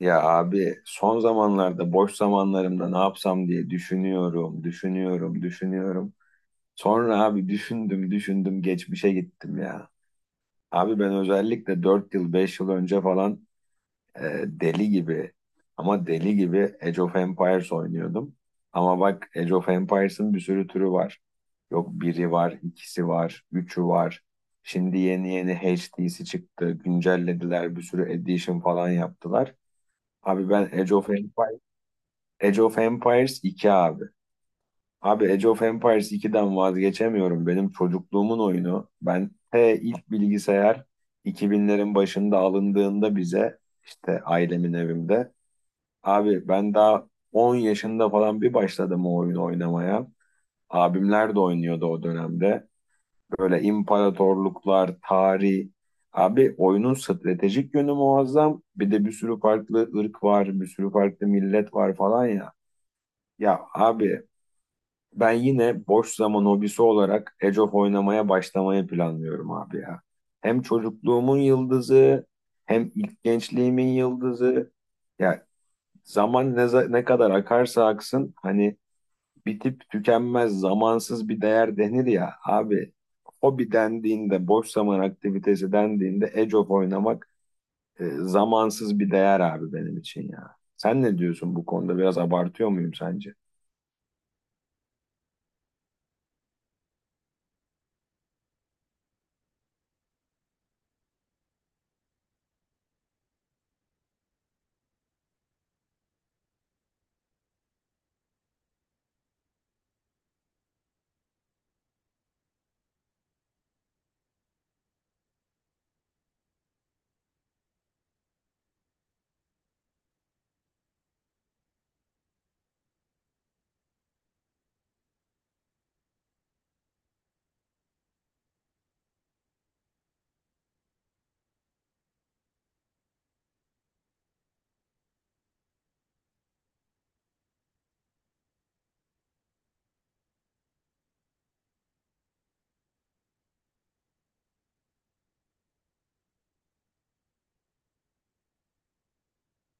Ya abi son zamanlarda boş zamanlarımda ne yapsam diye düşünüyorum, düşünüyorum, düşünüyorum. Sonra abi düşündüm, düşündüm, geçmişe gittim ya. Abi ben özellikle 4 yıl, 5 yıl önce falan e, deli gibi ama deli gibi Age of Empires oynuyordum. Ama bak Age of Empires'ın bir sürü türü var. Yok biri var, ikisi var, üçü var. Şimdi yeni yeni HD'si çıktı, güncellediler, bir sürü edition falan yaptılar. Abi ben Age of Empires iki abi. Abi Age of Empires 2'den vazgeçemiyorum. Benim çocukluğumun oyunu. Ben T ilk bilgisayar 2000'lerin başında alındığında bize işte ailemin evimde. Abi ben daha 10 yaşında falan bir başladım o oyunu oynamaya. Abimler de oynuyordu o dönemde. Böyle imparatorluklar, tarih. Abi oyunun stratejik yönü muazzam. Bir de bir sürü farklı ırk var, bir sürü farklı millet var falan ya. Ya abi, ben yine boş zaman hobisi olarak Age of oynamaya başlamayı planlıyorum abi ya. Hem çocukluğumun yıldızı, hem ilk gençliğimin yıldızı. Ya zaman ne kadar akarsa aksın hani bitip tükenmez zamansız bir değer denir ya abi. Hobi dendiğinde, boş zaman aktivitesi dendiğinde Age of oynamak zamansız bir değer abi benim için ya. Sen ne diyorsun bu konuda? Biraz abartıyor muyum sence?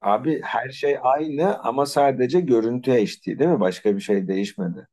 Abi her şey aynı ama sadece görüntü HD değil mi? Başka bir şey değişmedi.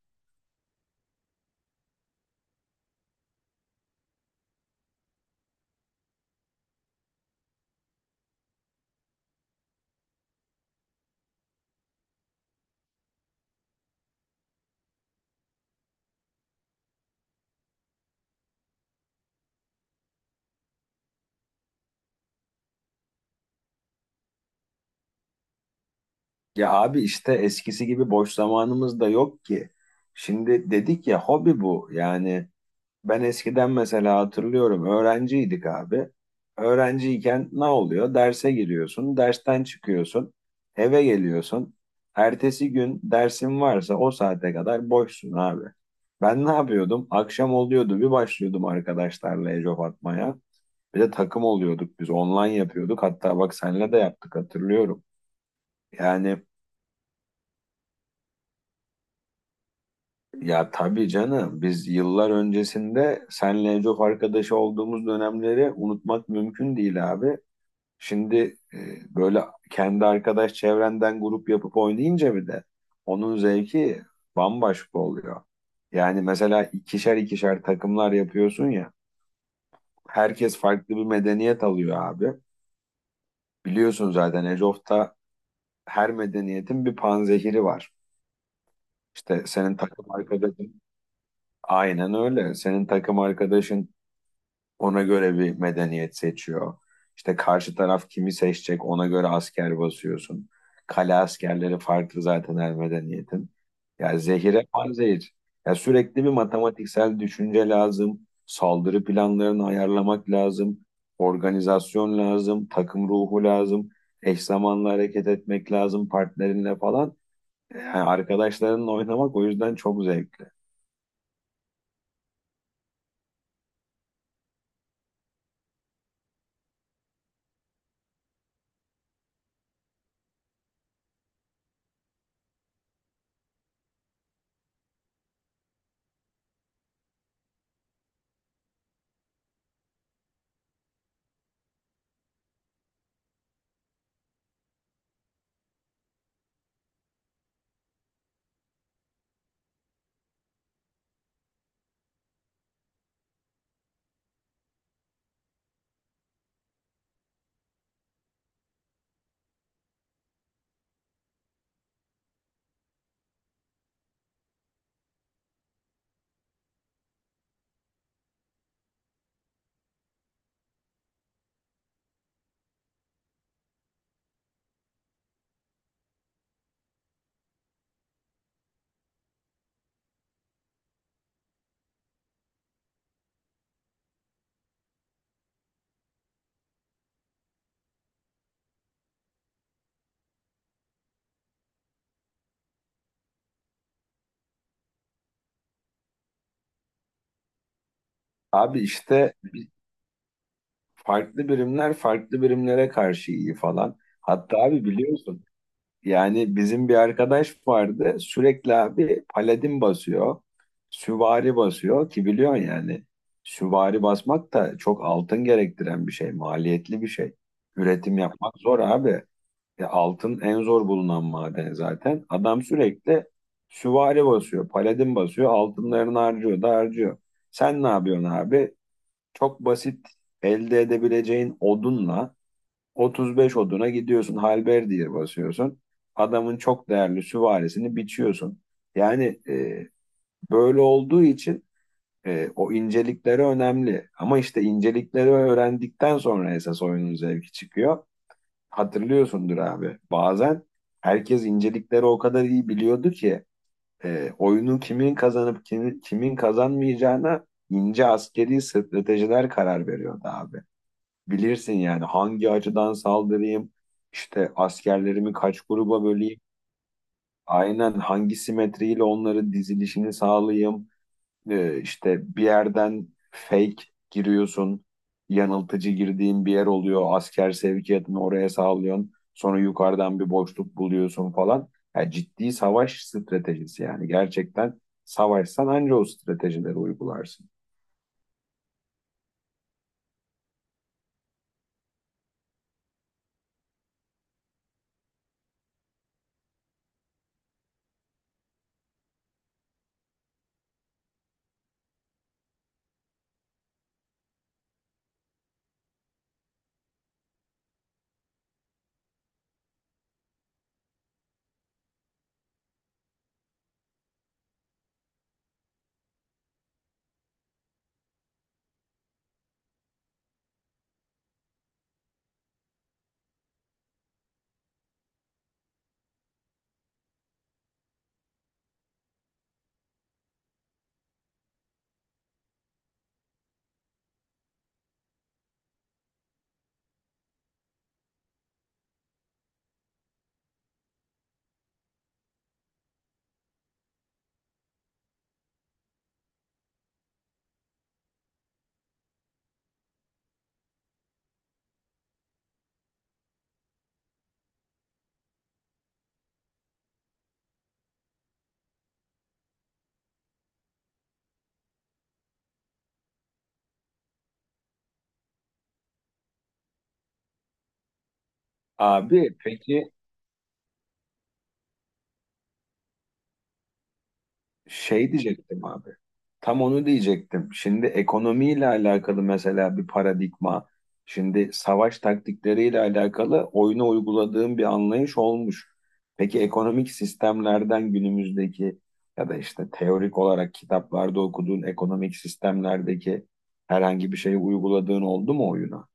Ya abi işte eskisi gibi boş zamanımız da yok ki. Şimdi dedik ya hobi bu. Yani ben eskiden mesela hatırlıyorum öğrenciydik abi. Öğrenciyken ne oluyor? Derse giriyorsun, dersten çıkıyorsun, eve geliyorsun. Ertesi gün dersin varsa o saate kadar boşsun abi. Ben ne yapıyordum? Akşam oluyordu bir başlıyordum arkadaşlarla ecop atmaya. Bir de takım oluyorduk biz. Online yapıyorduk. Hatta bak senle de yaptık hatırlıyorum. Yani ya tabii canım biz yıllar öncesinde senle çok arkadaşı olduğumuz dönemleri unutmak mümkün değil abi. Şimdi e, böyle kendi arkadaş çevrenden grup yapıp oynayınca bir de onun zevki bambaşka oluyor. Yani mesela ikişer ikişer takımlar yapıyorsun ya. Herkes farklı bir medeniyet alıyor abi. Biliyorsun zaten Age of'ta her medeniyetin bir panzehiri var. İşte senin takım arkadaşın aynen öyle. Senin takım arkadaşın ona göre bir medeniyet seçiyor. İşte karşı taraf kimi seçecek ona göre asker basıyorsun. Kale askerleri farklı zaten her medeniyetin. Ya zehire panzehir. Ya sürekli bir matematiksel düşünce lazım. Saldırı planlarını ayarlamak lazım. Organizasyon lazım. Takım ruhu lazım. Eş zamanlı hareket etmek lazım partnerinle falan. Yani arkadaşlarınla oynamak o yüzden çok zevkli. Abi işte farklı birimler farklı birimlere karşı iyi falan. Hatta abi biliyorsun yani bizim bir arkadaş vardı sürekli abi paladin basıyor, süvari basıyor ki biliyorsun yani süvari basmak da çok altın gerektiren bir şey, maliyetli bir şey. Üretim yapmak zor abi. Ya altın en zor bulunan maden zaten. Adam sürekli süvari basıyor, paladin basıyor, altınlarını harcıyor da harcıyor. Sen ne yapıyorsun abi? Çok basit elde edebileceğin odunla 35 oduna gidiyorsun. Halberdiye basıyorsun. Adamın çok değerli süvarisini biçiyorsun. Yani böyle olduğu için o incelikleri önemli. Ama işte incelikleri öğrendikten sonra esas oyunun zevki çıkıyor. Hatırlıyorsundur abi. Bazen herkes incelikleri o kadar iyi biliyordu ki oyunun kimin kazanıp kimin kazanmayacağına ince askeri stratejiler karar veriyordu abi bilirsin yani hangi açıdan saldırayım, işte askerlerimi kaç gruba böleyim, aynen hangi simetriyle onları dizilişini sağlayayım, işte bir yerden fake giriyorsun, yanıltıcı girdiğin bir yer oluyor, asker sevkiyatını oraya sağlıyorsun, sonra yukarıdan bir boşluk buluyorsun falan. Ya ciddi savaş stratejisi yani gerçekten savaşsan anca o stratejileri uygularsın. Abi peki Şey diyecektim abi. Tam onu diyecektim. Şimdi ekonomiyle alakalı mesela bir paradigma, şimdi savaş taktikleriyle alakalı oyuna uyguladığım bir anlayış olmuş. Peki ekonomik sistemlerden günümüzdeki ya da işte teorik olarak kitaplarda okuduğun ekonomik sistemlerdeki herhangi bir şeyi uyguladığın oldu mu oyuna?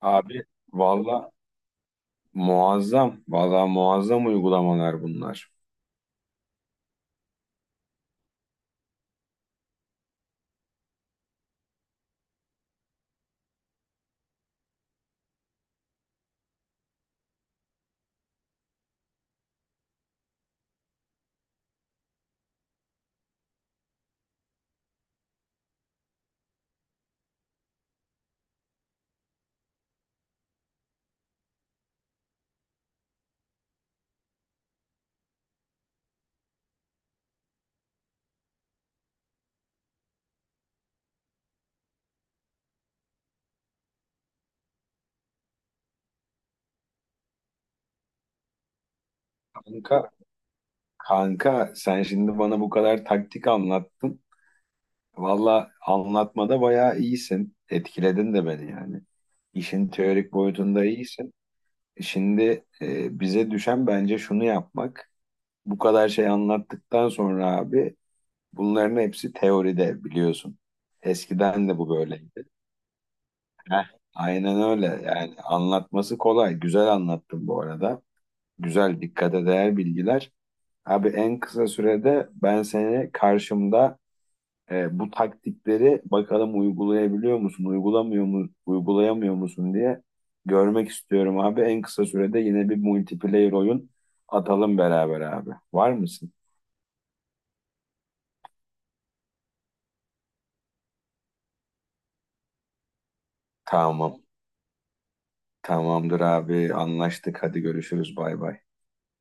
Abi valla muazzam, valla muazzam uygulamalar bunlar. Kanka Kanka, sen şimdi bana bu kadar taktik anlattın. Valla anlatmada bayağı iyisin. Etkiledin de beni yani. İşin teorik boyutunda iyisin. Şimdi bize düşen bence şunu yapmak. Bu kadar şey anlattıktan sonra abi bunların hepsi teoride biliyorsun. Eskiden de bu böyleydi. Heh. Aynen öyle yani anlatması kolay. Güzel anlattın bu arada. Güzel dikkate değer bilgiler. Abi en kısa sürede ben seni karşımda bu taktikleri bakalım uygulayabiliyor musun, uygulamıyor mu, uygulayamıyor musun diye görmek istiyorum abi. En kısa sürede yine bir multiplayer oyun atalım beraber abi. Var mısın? Tamam. Tamamdır abi. Anlaştık. Hadi görüşürüz. Bay bay.